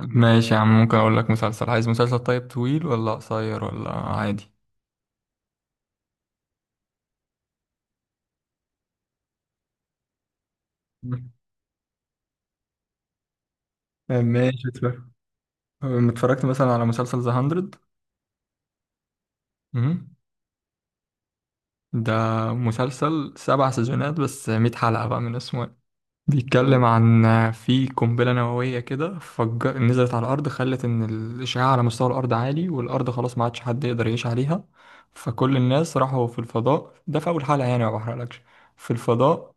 ماشي يا عم، ممكن اقول لك مسلسل. عايز مسلسل طيب، طويل ولا قصير ولا عادي؟ مم. ماشي، اتفرج. اتفرجت مثلا على مسلسل ذا 100. ده مسلسل سبع سيزونات، بس 100 حلقة بقى من اسمه. بيتكلم عن، في قنبلة نووية كده فجر نزلت على الأرض، خلت إن الإشعاع على مستوى الأرض عالي والأرض خلاص ما عادش حد يقدر يعيش عليها. فكل الناس راحوا في الفضاء، ده في أول حلقة يعني، ما بحرقلكش. في الفضاء.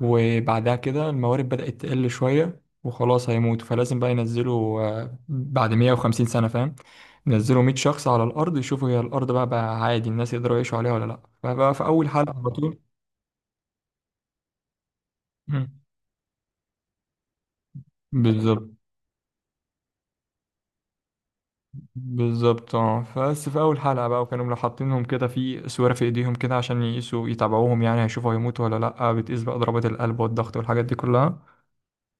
وبعدها كده الموارد بدأت تقل شوية وخلاص هيموتوا، فلازم بقى ينزلوا. بعد 150 سنة، فاهم، ينزلوا 100 شخص على الأرض يشوفوا هي الأرض بقى عادي الناس يقدروا يعيشوا عليها ولا لأ. فبقى في أول حلقة على طول. مم. بالظبط. بالظبط، اه، بس في اول حلقه بقى، وكانوا لو حاطينهم كده في سواره في ايديهم كده عشان يقيسوا يتابعوهم يعني، هيشوفوا هيموتوا ولا لا. بتقيس بقى ضربات القلب والضغط والحاجات دي كلها.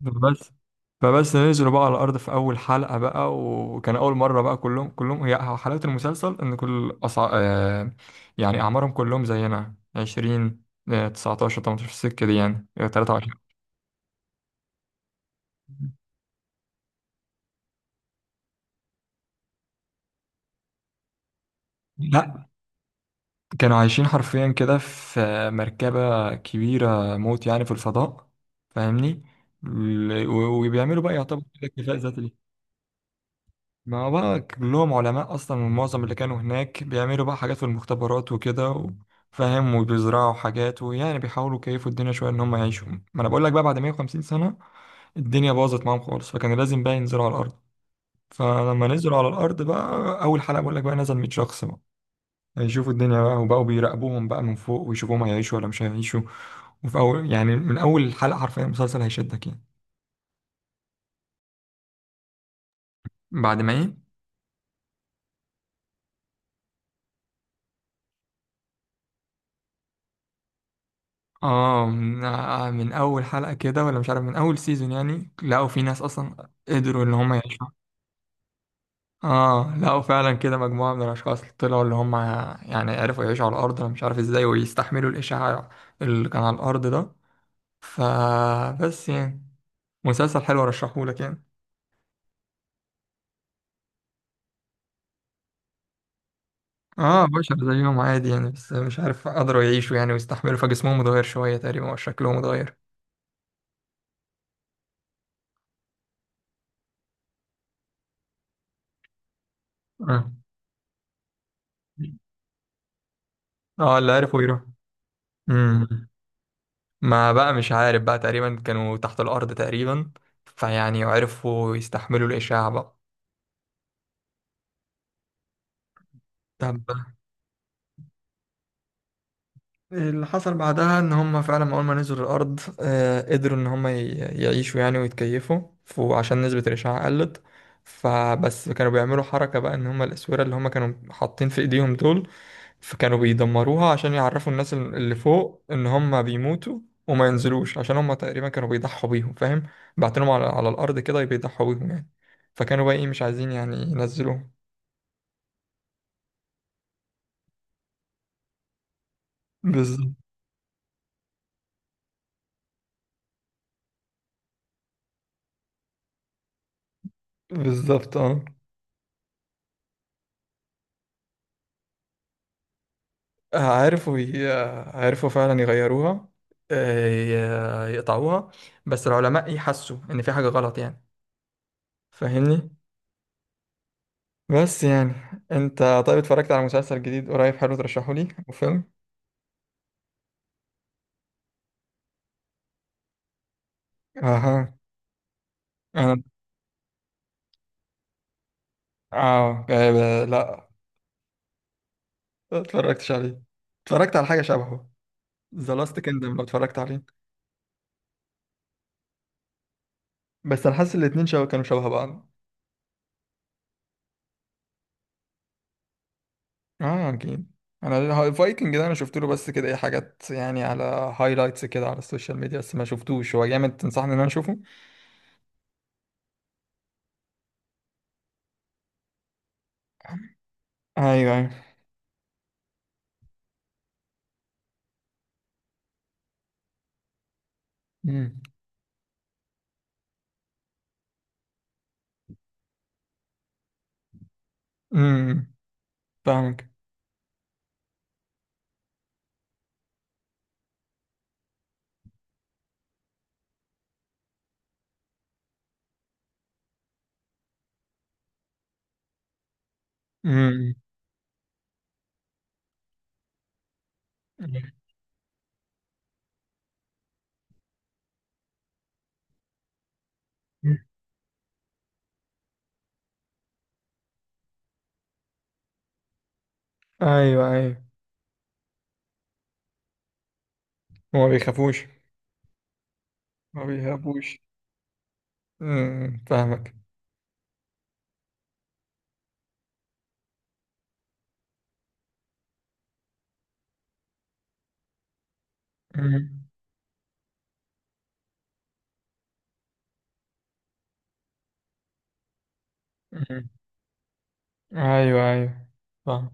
بس. فبس نزلوا بقى على الارض في اول حلقه بقى، وكان اول مره بقى كلهم، هي حلاوه المسلسل ان كل أصع... آه يعني، اعمارهم كلهم زينا 20، 19، 18 في السكه دي يعني، 23. لا، كانوا عايشين حرفيا كده في مركبة كبيرة موت يعني في الفضاء، فاهمني. وبيعملوا بقى يعتبر كده اكتفاء ذاتي ليه. ما هو بقى كلهم علماء أصلا، ومعظم اللي كانوا هناك بيعملوا بقى حاجات في المختبرات وكده فاهم، وبيزرعوا حاجات، ويعني بيحاولوا يكيفوا الدنيا شوية إن هم يعيشوا. ما أنا بقول لك بقى، بعد 150 سنة الدنيا باظت معاهم خالص، فكان لازم بقى ينزلوا على الأرض. فلما نزلوا على الأرض بقى، أول حلقة بقول لك بقى، نزل 100 شخص بقى هيشوفوا الدنيا بقى، وبقوا بيراقبوهم بقى من فوق ويشوفوهم هيعيشوا ولا مش هيعيشوا. وفي أول يعني، من أول حلقة حرفيا المسلسل هيشدك يعني. بعد ما إيه؟ آه من، من أول حلقة كده، ولا مش عارف من أول سيزون يعني، لقوا في ناس أصلا قدروا إن هم يعيشوا. آه، لقوا فعلا كده مجموعة من الأشخاص طلعوا، اللي هم يعني عرفوا يعيشوا على الأرض، أنا مش عارف إزاي، ويستحملوا الإشعاع اللي كان على الأرض ده. فبس يعني، مسلسل حلو، أرشحهولك يعني. اه، بشر زيهم عادي يعني، بس مش عارف قدروا يعيشوا يعني ويستحملوا، فجسمهم اتغير شوية تقريبا وشكلهم اتغير. اه. اه، اللي عرفوا يروح. امم. ما بقى مش عارف بقى، تقريبا كانوا تحت الأرض تقريبا، فيعني عرفوا يستحملوا الإشعاع بقى. طب. اللي حصل بعدها ان هم فعلا اول ما نزلوا الارض قدروا ان هم يعيشوا يعني ويتكيفوا، وعشان نسبة الاشعاع قلت. فبس كانوا بيعملوا حركة بقى، ان هم الاسورة اللي هم كانوا حاطين في ايديهم دول، فكانوا بيدمروها عشان يعرفوا الناس اللي فوق ان هم بيموتوا وما ينزلوش، عشان هم تقريبا كانوا بيضحوا بيهم، فاهم، بعتنهم على الارض كده، بيضحوا بيهم يعني. فكانوا بقى ايه، مش عايزين يعني ينزلوهم. بالظبط. بالظبط، اه. عارفوا ي- عارفوا فعلا يغيروها، آه، يقطعوها. بس العلماء يحسوا ان في حاجة غلط يعني، فاهمني. بس يعني، انت طيب اتفرجت على مسلسل جديد قريب حلو ترشحه لي، وفيلم؟ اها. انا، اه، لا، ما اتفرجتش عليه. اتفرجت على حاجة شبهه، ذا لاست كيندم، لو اتفرجت عليه. بس انا حاسس الاتنين شبه، كانوا شبه بعض. اه، اكيد. انا الفايكنج ده، انا شفت له بس كده ايه حاجات يعني، على هايلايتس كده على السوشيال ميديا، بس ما شفتوش. هو جامد تنصحني ان انا اشوفه؟ ايوه ايوه. امم. أمم، فاهمك. امم. ايوه ايوه. هما بيخافوش. ما بيخافوش. امم، فاهمك. امم. أمم. ايوه ايوه. فاهم.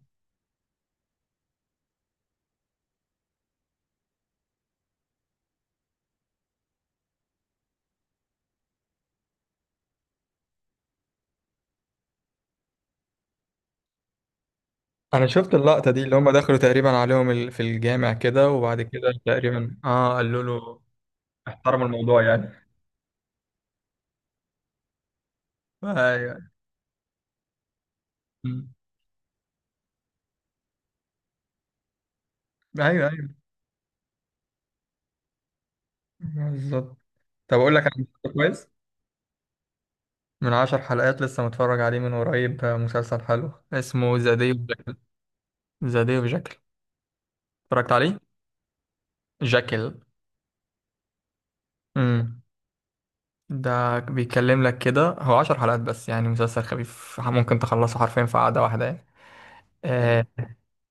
انا شفت اللقطه دي، اللي هم دخلوا تقريبا عليهم في الجامع كده، وبعد كده تقريبا اه قالوا له احترموا الموضوع يعني. ايوه. أمم. ايوه ايوه. بالظبط. طب أقول لك على مسلسل كويس، من 10 حلقات لسه متفرج عليه من قريب، مسلسل حلو، اسمه ذا داي اوف جاكل. ذا داي اوف جاكل، اتفرجت عليه؟ جاكل. امم. ده بيتكلم لك كده، هو 10 حلقات بس يعني، مسلسل خفيف ممكن تخلصه حرفيا في قعدة واحدة يعني. آه،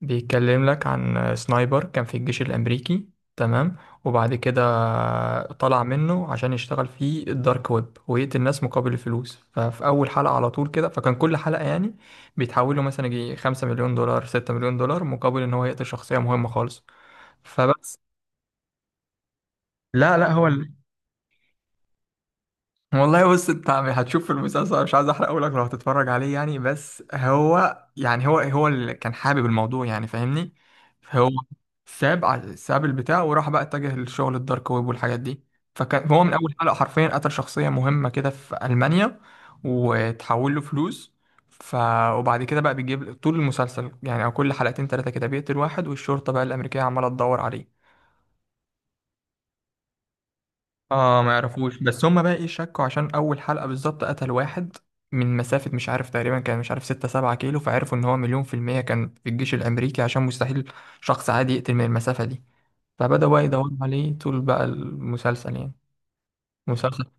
بيتكلم لك عن سنايبر كان في الجيش الأمريكي، تمام، وبعد كده طلع منه عشان يشتغل في الدارك ويب، ويقتل الناس مقابل الفلوس. ففي أول حلقة على طول كده، فكان كل حلقة يعني بيتحولوا مثلا يجي 5 مليون دولار، 6 مليون دولار، مقابل إن هو يقتل شخصية مهمة خالص. فبس. لا لا، هو والله بص، انت هتشوف في المسلسل، مش عايز احرقه لك لو هتتفرج عليه يعني. بس هو يعني، هو هو اللي كان حابب الموضوع يعني، فاهمني. فهو ساب البتاع، وراح بقى اتجه للشغل الدارك ويب والحاجات دي. فكان هو من اول حلقة حرفيا قتل شخصية مهمة كده في ألمانيا، وتحول له فلوس. ف وبعد كده بقى بيجيب طول المسلسل يعني، او كل حلقتين ثلاثة كده بيقتل واحد، والشرطة بقى الأمريكية عمالة تدور عليه. اه، ما يعرفوش. بس هما بقى ايه، شكوا عشان اول حلقة بالظبط قتل واحد من مسافة، مش عارف تقريبا، كان مش عارف 6 7 كيلو، فعرفوا ان هو مليون في المية كان في الجيش الامريكي، عشان مستحيل شخص عادي يقتل من المسافة دي. فبدأوا بقى يدوروا عليه طول بقى المسلسل يعني. مسلسل.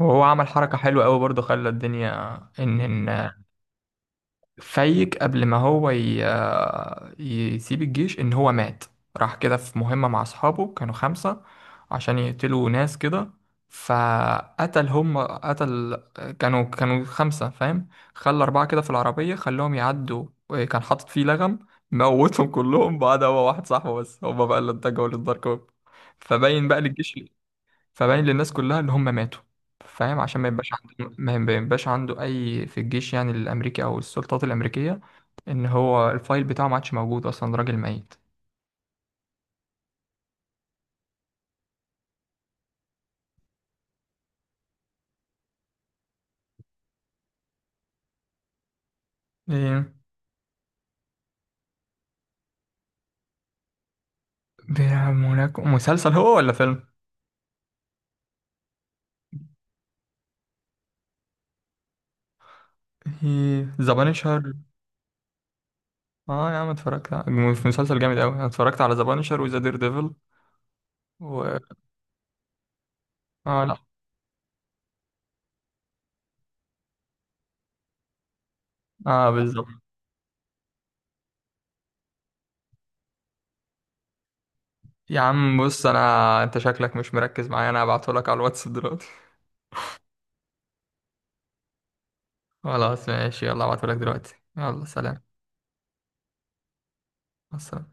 وهو عمل حركة حلوة قوي برضه، خلى الدنيا ان إن فايق قبل ما هو ي... آه، يسيب الجيش، ان هو مات. راح كده في مهمة مع اصحابه، كانوا خمسة عشان يقتلوا ناس كده، فقتل، هم قتل، كانوا خمسة، فاهم، خلى أربعة كده في العربية، خلاهم يعدوا، كان حاطط فيه لغم، موتهم كلهم. بعد، هو واحد صاحبه بس هما بقى اللي اتجهوا للدارك ويب. فباين بقى للجيش، فباين للناس كلها اللي هم ماتوا، فاهم، عشان ما يبقاش عنده اي في الجيش يعني، الامريكي او السلطات الامريكيه، ان هو الفايل بتاعه ما عادش موجود، اصلا راجل ميت. ايه؟ بيلعب هناك؟ مسلسل هو ولا فيلم؟ ايه؟ ذا بانشر. اه يا عم، اتفرجت في مسلسل جامد قوي، انا اتفرجت على ذا بانشر وذا دير ديفل و. اه، لا. اه، بالظبط. يا عم بص، انا، انت شكلك مش مركز معايا، انا هبعتهولك على الواتس دلوقتي. خلاص ماشي، يلا هبعتهولك دلوقتي، يلا سلام. مع السلامة.